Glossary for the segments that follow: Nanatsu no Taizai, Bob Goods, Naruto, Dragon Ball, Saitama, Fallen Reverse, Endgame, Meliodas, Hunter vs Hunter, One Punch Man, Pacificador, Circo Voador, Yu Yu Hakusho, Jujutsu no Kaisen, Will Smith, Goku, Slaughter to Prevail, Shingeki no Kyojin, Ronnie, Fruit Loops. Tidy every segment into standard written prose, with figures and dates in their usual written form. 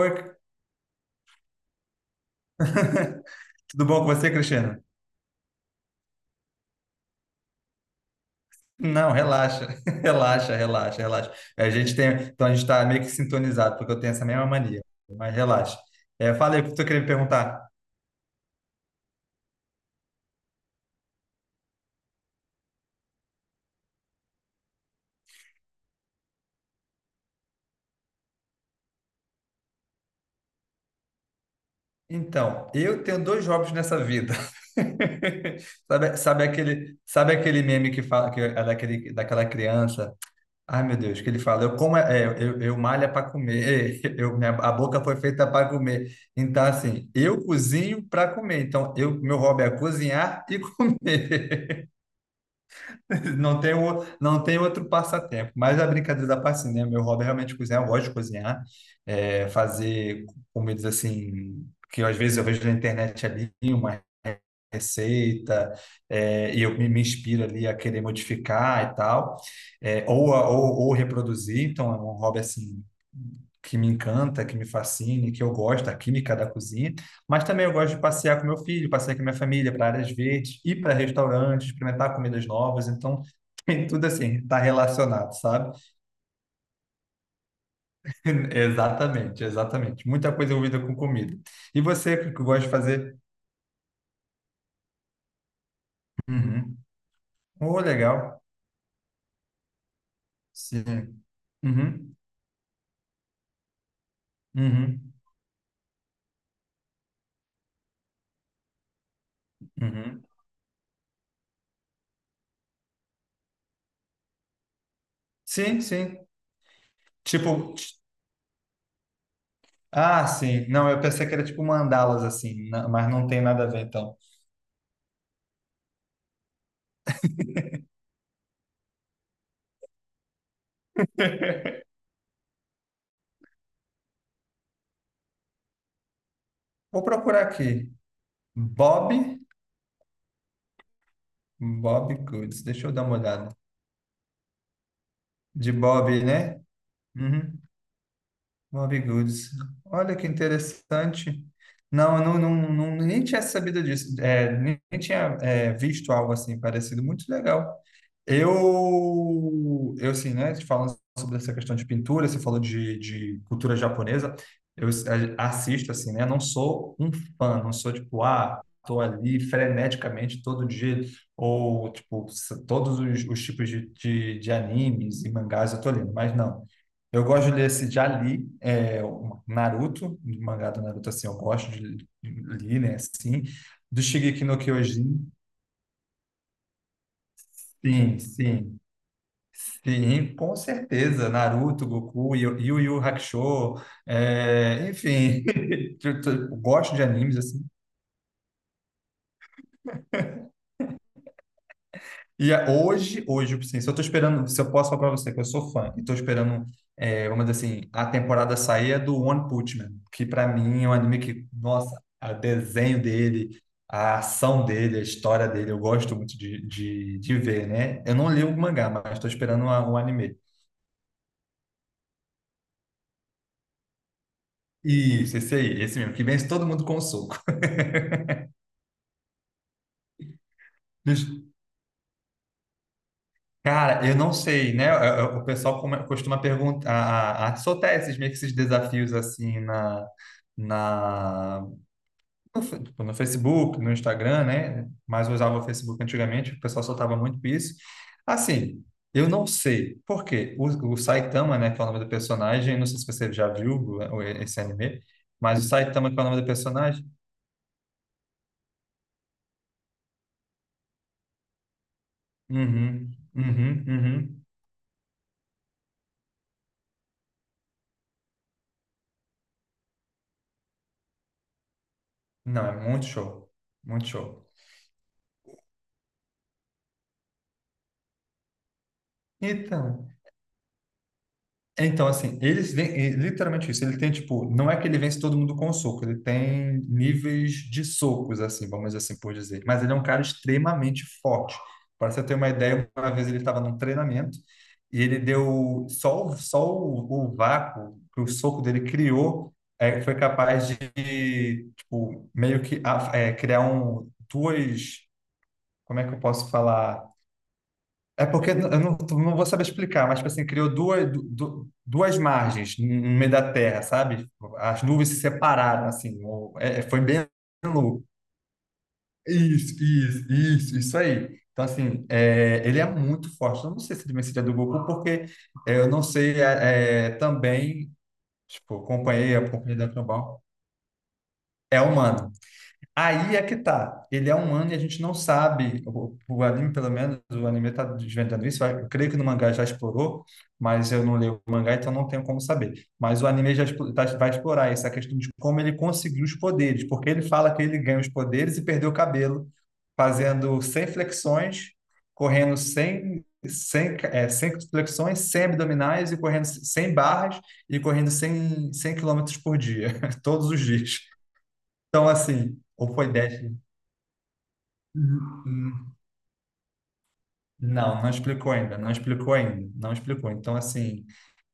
Oi. Tudo bom com você, Cristiano? Não, relaxa, relaxa, relaxa, relaxa. A gente tem, então a gente está meio que sintonizado, porque eu tenho essa mesma mania, mas relaxa. Fala aí o que tu queria me perguntar. Então, eu tenho dois jobs nessa vida. Sabe, sabe aquele meme que fala daquela criança, ai, meu Deus, que ele fala, eu como é, é, eu malho para comer, a boca foi feita para comer. Então, assim, eu cozinho para comer. Então, meu hobby é cozinhar e comer. Não tem outro passatempo. Mas a brincadeira da parte, assim, né? Meu hobby é realmente cozinhar, eu gosto de cozinhar, fazer comidas assim, que às vezes eu vejo na internet ali, receita, e me inspiro ali a querer modificar e tal, ou reproduzir. Então, é um hobby assim que me encanta, que me fascina, que eu gosto, a química da cozinha, mas também eu gosto de passear com meu filho, passear com minha família para áreas verdes, ir para restaurantes, experimentar comidas novas, então tem tudo assim, está relacionado, sabe? Exatamente, exatamente. Muita coisa envolvida com comida. E você, o que que gosta de fazer? Uhum. Oh, legal. Sim. Uhum. Uhum, uhum. Sim, sim. Tipo, t- ah, sim. Não, eu pensei que era tipo mandalas assim, na- mas não tem nada a ver então. Vou procurar aqui. Bob, Bob Goods. Deixa eu dar uma olhada. De Bob, né? Uhum. Bob Goods. Olha que interessante. Não, não, nem tinha sabido disso. É, nem tinha, visto algo assim parecido. Muito legal. Eu assim, né, falando sobre essa questão de pintura, você falou de cultura japonesa, eu assisto, assim, né, não sou um fã, não sou tipo, ah, tô ali freneticamente todo dia, ou, tipo, todos os tipos de animes e mangás eu tô lendo, mas não. Eu gosto de ler esse, já li, é, o Naruto, o mangá do Naruto, assim, eu gosto de ler, né, assim, do Shingeki no Kyojin, sim, sim, sim, com certeza. Naruto, Goku, Yu Yu Hakusho, é, enfim, eu gosto de animes assim. E é, hoje, assim, se eu posso falar para você que eu sou fã e tô esperando, é, vamos dizer assim, a temporada sair é do One Punch Man, que para mim é um anime que, nossa, o desenho dele, a ação dele, a história dele, eu gosto muito de ver, né? Eu não li o mangá, mas estou esperando um anime. Isso, esse aí, esse mesmo, que vence todo mundo com um soco. Cara, eu não sei, né? O pessoal costuma perguntar, soltar esses meio que esses desafios assim na, na no, tipo, no Facebook, no Instagram, né? Mas eu usava o Facebook antigamente, o pessoal soltava muito isso. Assim, eu não sei por quê. O Saitama, né, que é o nome do personagem, não sei se você já viu esse anime, mas o Saitama, que é o nome do personagem. Uhum, uhum, uhum. Não, é muito show, muito show. Então. Então, assim, eles vêm, é literalmente isso, ele tem, tipo, não é que ele vence todo mundo com soco, ele tem níveis de socos, assim, vamos assim por dizer, mas ele é um cara extremamente forte. Para você ter uma ideia, uma vez ele estava num treinamento e ele deu só, só o vácuo que o soco dele criou, foi capaz de, tipo, meio que a- é, criar duas, como é que eu posso falar? É porque eu não, não vou saber explicar, mas tipo assim, criou duas margens no meio da Terra, sabe? As nuvens se separaram, assim. Foi bem louco. Isso aí. Então, assim, é, ele é muito forte. Eu não sei se ele vencia do Goku, porque é, eu não sei é, é, também, tipo, acompanhei a companhia da Dragon Ball. É humano. Aí é que tá. Ele é um ano e a gente não sabe. O anime, pelo menos, o anime está desvendando isso. Eu creio que no mangá já explorou, mas eu não leio o mangá, então não tenho como saber. Mas o anime vai explorar essa questão de como ele conseguiu os poderes, porque ele fala que ele ganha os poderes e perdeu o cabelo, fazendo 100 flexões, correndo 100 flexões, 100 abdominais e correndo 100 barras e correndo 100 quilômetros por dia, todos os dias. Então, assim, ou foi 10. Hum, Não, não explicou ainda, não explicou ainda, não explicou. Então, assim,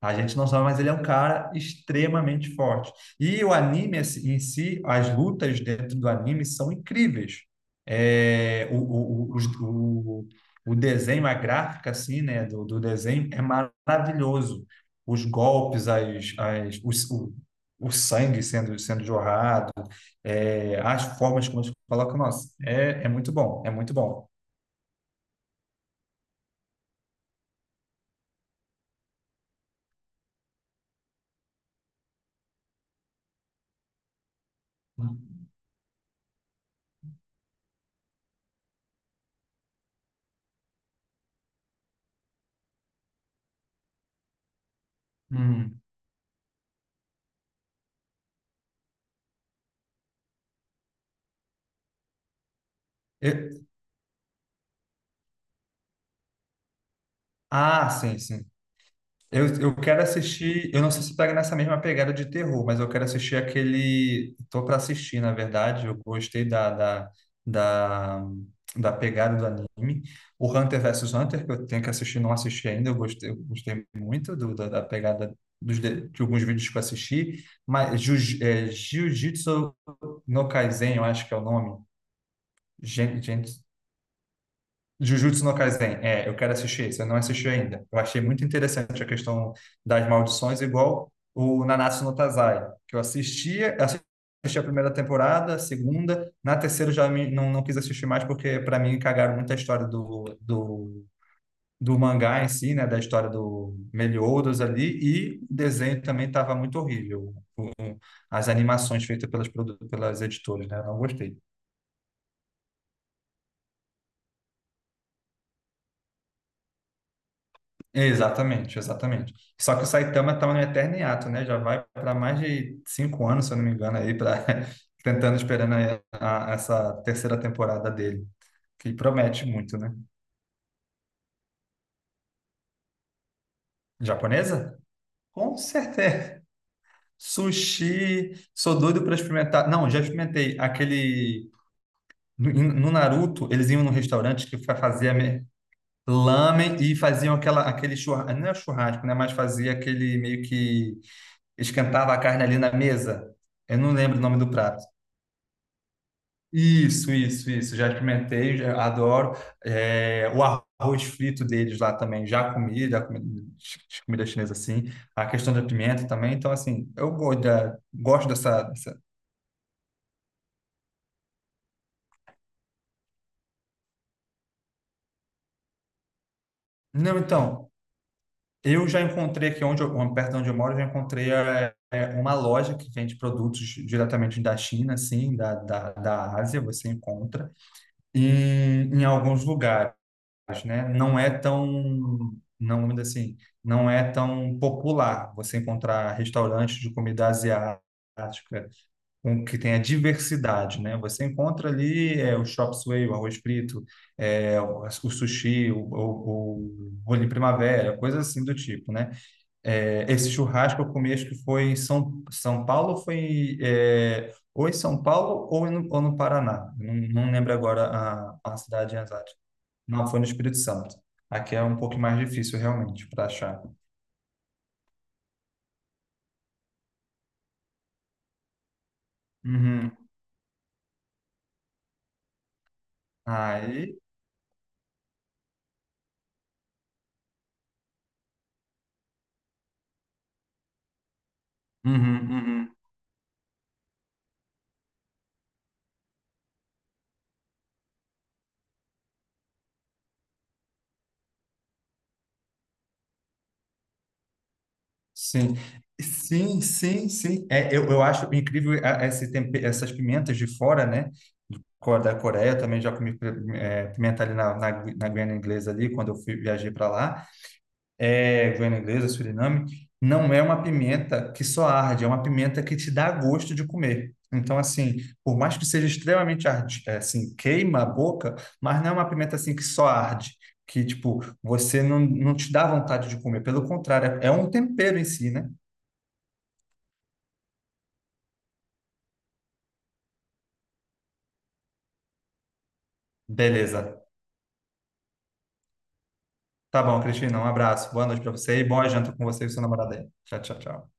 a gente não sabe, mas ele é um cara extremamente forte. E o anime assim, em si, as lutas dentro do anime são incríveis. É, o, o, o, os- o, o desenho, a gráfica, assim, né, do desenho é maravilhoso. Os golpes, o sangue sendo jorrado, é, as formas como eles colocam, nossa, é, é muito bom, é muito bom. Hum. Eu- Ah, sim, sim. Eu quero assistir. Eu não sei se pega nessa mesma pegada de terror, mas eu quero assistir aquele. Tô para assistir, na verdade. Eu gostei da, da pegada do anime. O Hunter vs Hunter, que eu tenho que assistir, não assisti ainda. Eu gostei muito da pegada de alguns vídeos que eu assisti. Mas Jiu-Jitsu no Kaisen, eu acho que é o nome. Gente, Jujutsu no Kaisen, é, eu quero assistir, você não assistiu ainda. Eu achei muito interessante a questão das maldições, igual o Nanatsu no Taizai, que eu assistia, assisti a primeira temporada, a segunda, na terceira não, não quis assistir mais, porque para mim cagaram muita história do mangá em si, né, da história do Meliodas ali, e o desenho também estava muito horrível, as animações feitas pelas, pelas editoras, né, eu não gostei. Exatamente, exatamente. Só que o Saitama está no eterno hiato, né? Já vai para mais de 5 anos, se eu não me engano, aí para tentando esperando aí essa terceira temporada dele, que promete muito, né? Japonesa? Com certeza. Sushi, sou doido para experimentar. Não, já experimentei aquele no Naruto, eles iam num restaurante que fazia lamen e faziam aquela aquele churrasco, não é churrasco, né? Mas fazia aquele meio que esquentava a carne ali na mesa. Eu não lembro o nome do prato. Isso, isso, isso. Já experimentei, já adoro. É, o arroz frito deles lá também, já comi comida chinesa assim. A questão da pimenta também. Então, assim, gosto dessa- Não, então, eu já encontrei aqui onde eu, perto de onde eu moro, eu já encontrei uma loja que vende produtos diretamente da China, assim, da Ásia, você encontra, em alguns lugares. Né? Não é tão, não, vamos dizer assim, não é tão popular você encontrar restaurantes de comida asiática com que tenha diversidade, né? Você encontra ali é, o chop suey, o arroz frito, o sushi, o rolinho primavera, coisas assim do tipo, né? É, esse churrasco eu comi, acho que foi em São Paulo, foi é, ou em São Paulo ou ou no Paraná. Não, não lembro agora a cidade exata. Não foi no Espírito Santo. Aqui é um pouco mais difícil, realmente, para achar. Uhum. Aí. Uhum, uhum. Sim. Sim, sim, sim. É, eu acho incrível esse essas pimentas de fora, né? Da Coreia, eu também já comi pimenta ali na Guiana Inglesa ali, quando eu fui, viajei para lá. É, Guiana Inglesa, Suriname, não é uma pimenta que só arde, é uma pimenta que te dá gosto de comer. Então, assim, por mais que seja extremamente arde, é, assim, queima a boca, mas não é uma pimenta assim que só arde, que, tipo, você não, não te dá vontade de comer. Pelo contrário, é um tempero em si, né? Beleza. Tá bom, Cristina, um abraço. Boa noite para você e boa janta com você e seu namorado aí. Tchau, tchau, tchau.